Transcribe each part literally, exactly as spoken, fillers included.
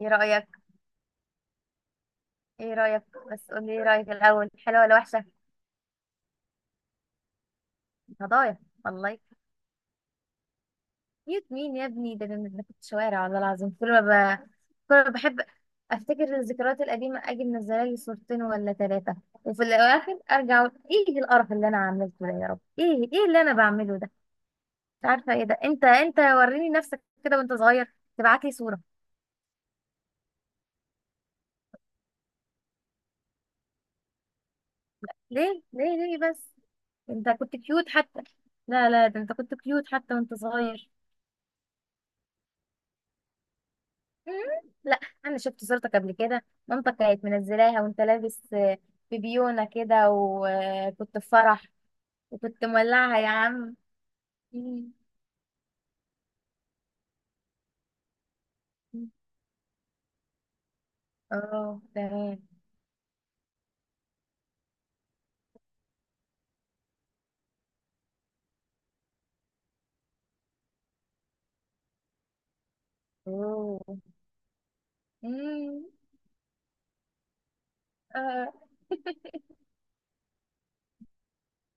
ايه رأيك؟ ايه رأيك بس قولي ايه رأيك الأول، حلوة ولا وحشة؟ هضايا والله. كيوت مين يا ابني؟ ده انا أنا كنت شوارع والله العظيم. كل ما ب... كل ما بحب افتكر الذكريات القديمة، اجي منزله لي صورتين ولا ثلاثة، وفي الأواخر ارجع أقول ايه القرف اللي انا عملته ده؟ يا رب، ايه؟ ايه اللي انا بعمله ده؟ مش عارفة ايه ده. انت انت وريني نفسك كده وانت صغير، تبعت لي صورة. ليه ليه ليه بس؟ انت كنت كيوت حتى. لا لا، ده انت كنت كيوت حتى وانت صغير. مم، لا، انا شفت صورتك قبل كده، مامتك كانت منزلاها وانت لابس آه، في بيونة كده، وكنت في فرح، وكنت مولعها يا عم. مم. اه تمام. اوه. مم، اه.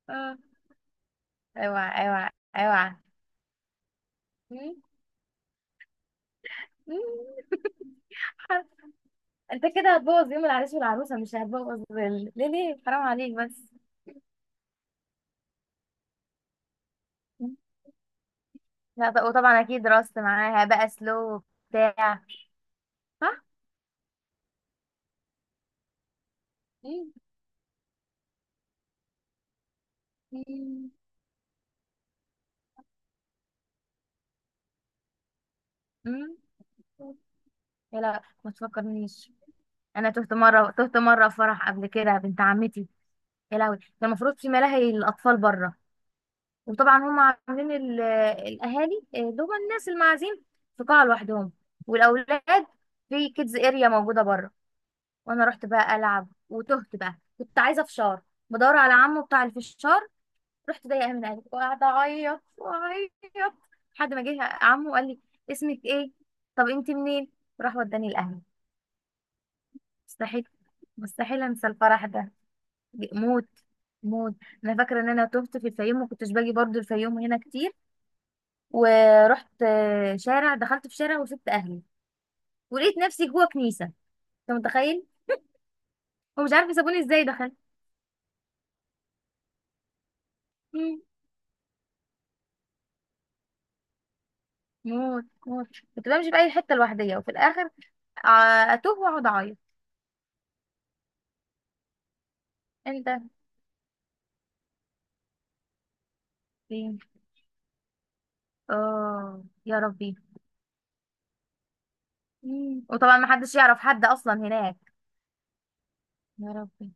اه. اوعى اوعى اوعى. مم، مم، حر- انت كده هتبوظ يوم العريس والعروسه، مش هتبوظ ال-، ليه ليه حرام عليك بس. مم. لا بقى، وطبعا اكيد رقصت معاها بقى سلو بتاع. صح. مم، مم، مم. يا لا ما تفكرنيش. انا تهت مره، تهت مره في فرح قبل كده بنت عمتي. يا لهوي، كان المفروض في ملاهي الاطفال بره، وطبعا هم عاملين ال- الاهالي دول الناس المعازيم في قاعه لوحدهم، والاولاد في كيدز اريا موجوده بره. وانا رحت بقى العب وتهت بقى، كنت عايزه فشار، بدور على عمه بتاع الفشار. رحت ضايقه من قلبي وقعدت اعيط واعيط، لحد ما جه عمه وقال لي اسمك ايه؟ طب انت منين؟ راح وداني الاهل. مستحيل، مستحيل انسى الفرح ده. موت موت. انا فاكره ان انا تهت في الفيوم، ما كنتش باجي برضو الفيوم هنا كتير، ورحت آه، شارع، دخلت في شارع وسبت اهلي، ولقيت نفسي جوه كنيسه. انت متخيل؟ ومش عارفه سابوني ازاي دخلت. مم. موت موت. كنت بمشي في اي حته لوحديه، وفي الاخر آه، اتوه واقعد اعيط. انت فين؟ اه يا ربي. مم. وطبعا ما حدش يعرف حد اصلا هناك. يا ربي.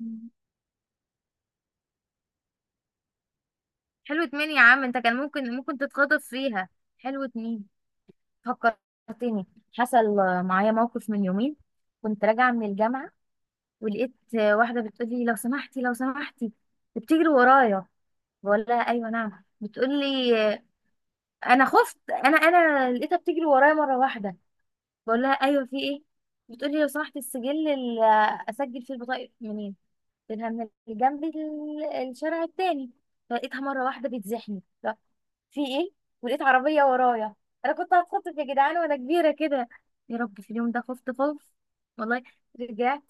مم. حلو اتنين يا عم، انت كان ممكن ممكن تتخطف فيها. حلو اتنين. فكرتني، حصل معايا موقف من يومين، كنت راجعة من الجامعة، ولقيت واحدة بتقول لي لو سمحتي لو سمحتي، بتجري ورايا. بقول لها ايوه نعم، بتقول لي. انا خفت، انا انا لقيتها بتجري ورايا مرة واحدة. بقول لها ايوه، في ايه؟ بتقول لي لو سمحتي، السجل اللي اسجل فيه البطايق منين؟ قلت لها من جنب ال- الشارع التاني. فلقيتها مرة واحدة بتزحني، في ايه؟ ولقيت عربيه ورايا. انا كنت هتخطف يا جدعان، وانا كبيره كده. يا رب، في اليوم ده خفت خوف والله. رجعت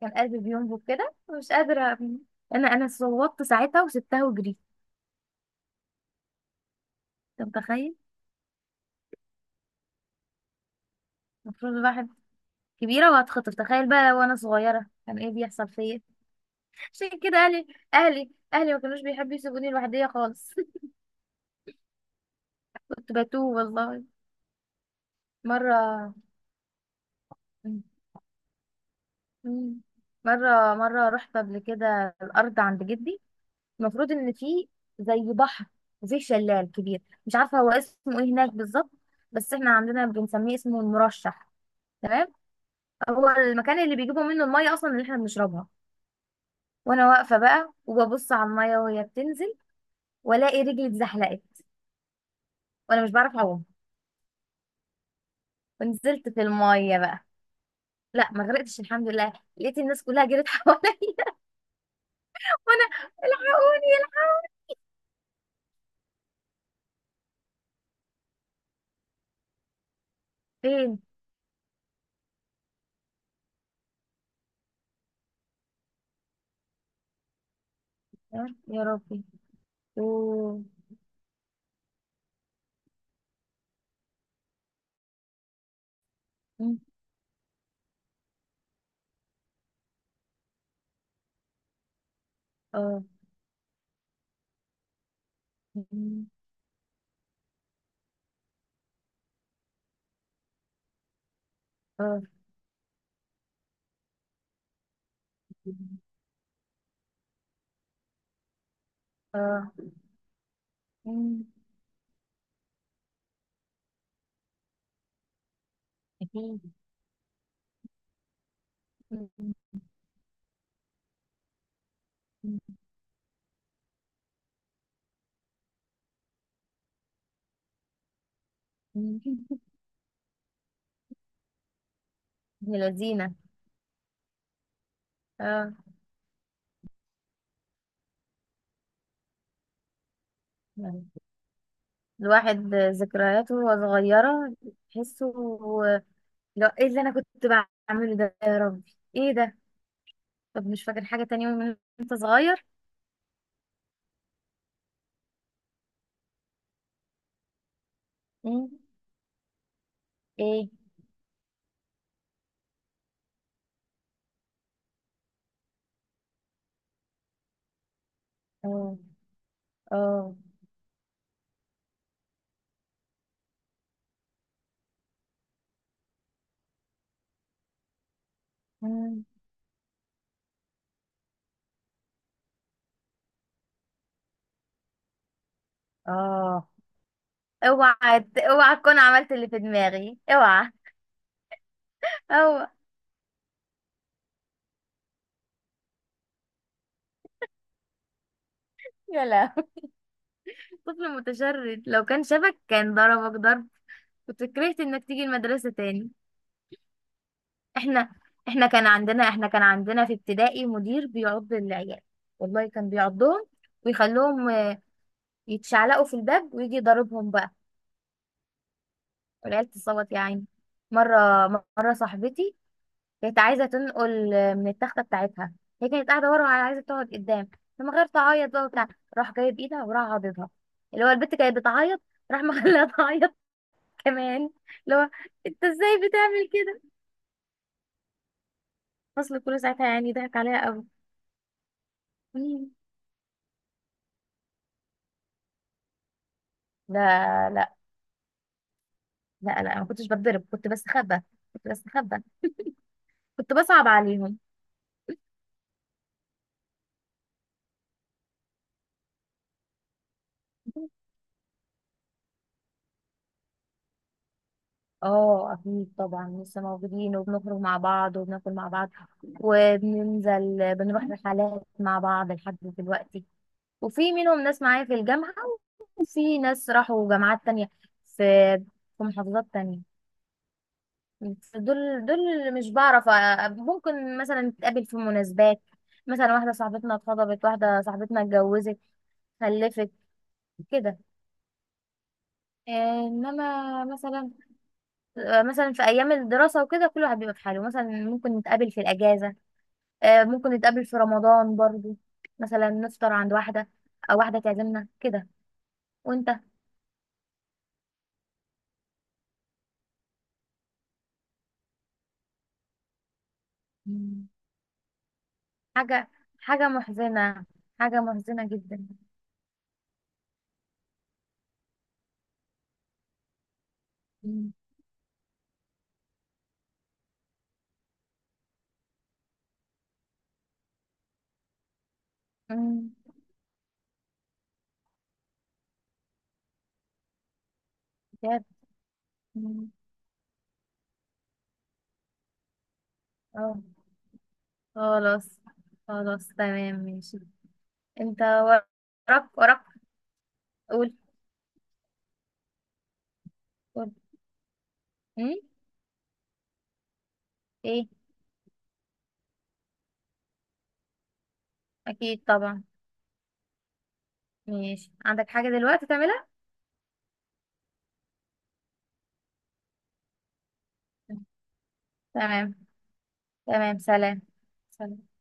كان قلبي بينبض كده، ومش قادره أ- انا انا صوتت ساعتها وسبتها وجريت. انت متخيل؟ المفروض الواحد كبيره وهتخطف، تخيل بقى وانا صغيره كان ايه بيحصل فيا. عشان كده اهلي اهلي اهلي ما كانوش بيحبوا يسيبوني لوحدي خالص. كنت بتوه والله. مره. مم. مره، مره رحت قبل كده الارض عند جدي، المفروض ان في زي بحر، وفيه شلال كبير مش عارفه هو اسمه ايه هناك بالظبط، بس احنا عندنا بنسميه اسمه المرشح. تمام. هو المكان اللي بيجيبوا منه الميه اصلا اللي احنا بنشربها. وانا واقفه بقى وببص على الميه وهي بتنزل، والاقي رجلي اتزحلقت، وانا مش بعرف اعوم، ونزلت في الميه بقى. لا ما غرقتش الحمد لله، لقيت الناس كلها جرت حواليا. وانا الحقوني الحقوني. فين؟ يا يا ربي. أوه. أم. اه. أم. اه. أه. مم. أكيد. مم. مم. يا لذينة. اه. يعني الواحد ذكرياته وهو صغيرة تحسه. لا، ايه اللي انا كنت بعمله ده؟ يا ربي، ايه ده؟ طب مش فاكر حاجة تانية من انت صغير؟ مم. ايه. اه. اه. مم. اه. اوعى ت- اوعى تكون عملت اللي في دماغي، اوعى. اوعى. يا لا. طفل متشرد، لو كان شبك كان ضربك ضرب. كنت كرهت انك تيجي المدرسة تاني. احنا احنا كان عندنا، احنا كان عندنا في ابتدائي مدير بيعض العيال، والله كان بيعضهم ويخليهم آه، يتشعلقوا في الباب ويجي يضربهم بقى، والعيال تصوت يا عيني. مرة، مرة صاحبتي كانت عايزة تنقل آه، من التختة بتاعتها، هي كانت قاعدة ورا وعايزة عايزة تقعد قدام، فمن غير تعيط بقى وبتاع راح جايب ايدها وراح عاضدها، اللي هو البت كانت بتعيط، راح مخليها تعيط كمان. اللي هو انت ازاي بتعمل كده؟ فصل كله ساعتها يعني ضحك عليها قوي. لا لا لا لا، انا ما كنتش بتضرب، كنت بستخبى، كنت بستخبى، كنت بصعب عليهم. اه اكيد طبعا لسه موجودين، وبنخرج مع بعض وبناكل مع بعض، وبننزل بنروح رحلات مع بعض لحد دلوقتي. وفي منهم ناس معايا في الجامعة، وفي ناس راحوا جامعات تانية، في في محافظات تانية. دول دول اللي مش بعرف أ- ممكن مثلا نتقابل في مناسبات. مثلا واحدة صاحبتنا اتخطبت، واحدة صاحبتنا اتجوزت، خلفت كده. آه، انما مثلا آه، مثلا في ايام الدراسه وكده كل واحد بيبقى في حاله، مثلا ممكن نتقابل في الاجازه، آه، ممكن نتقابل في رمضان برضو، مثلا نفطر عند واحده، او واحده تعزمنا كده. وانت؟ مم. حاجه، حاجه محزنه، حاجه محزنه جدا. مم. مم. بجد. مم. اه. خلاص، خلاص تمام ماشي. انت وراك وراك. قول. قول. مم؟ ايه، اكيد طبعا. ماشي، عندك حاجه دلوقتي تعملها؟ تمام. تمام سلام. سلام.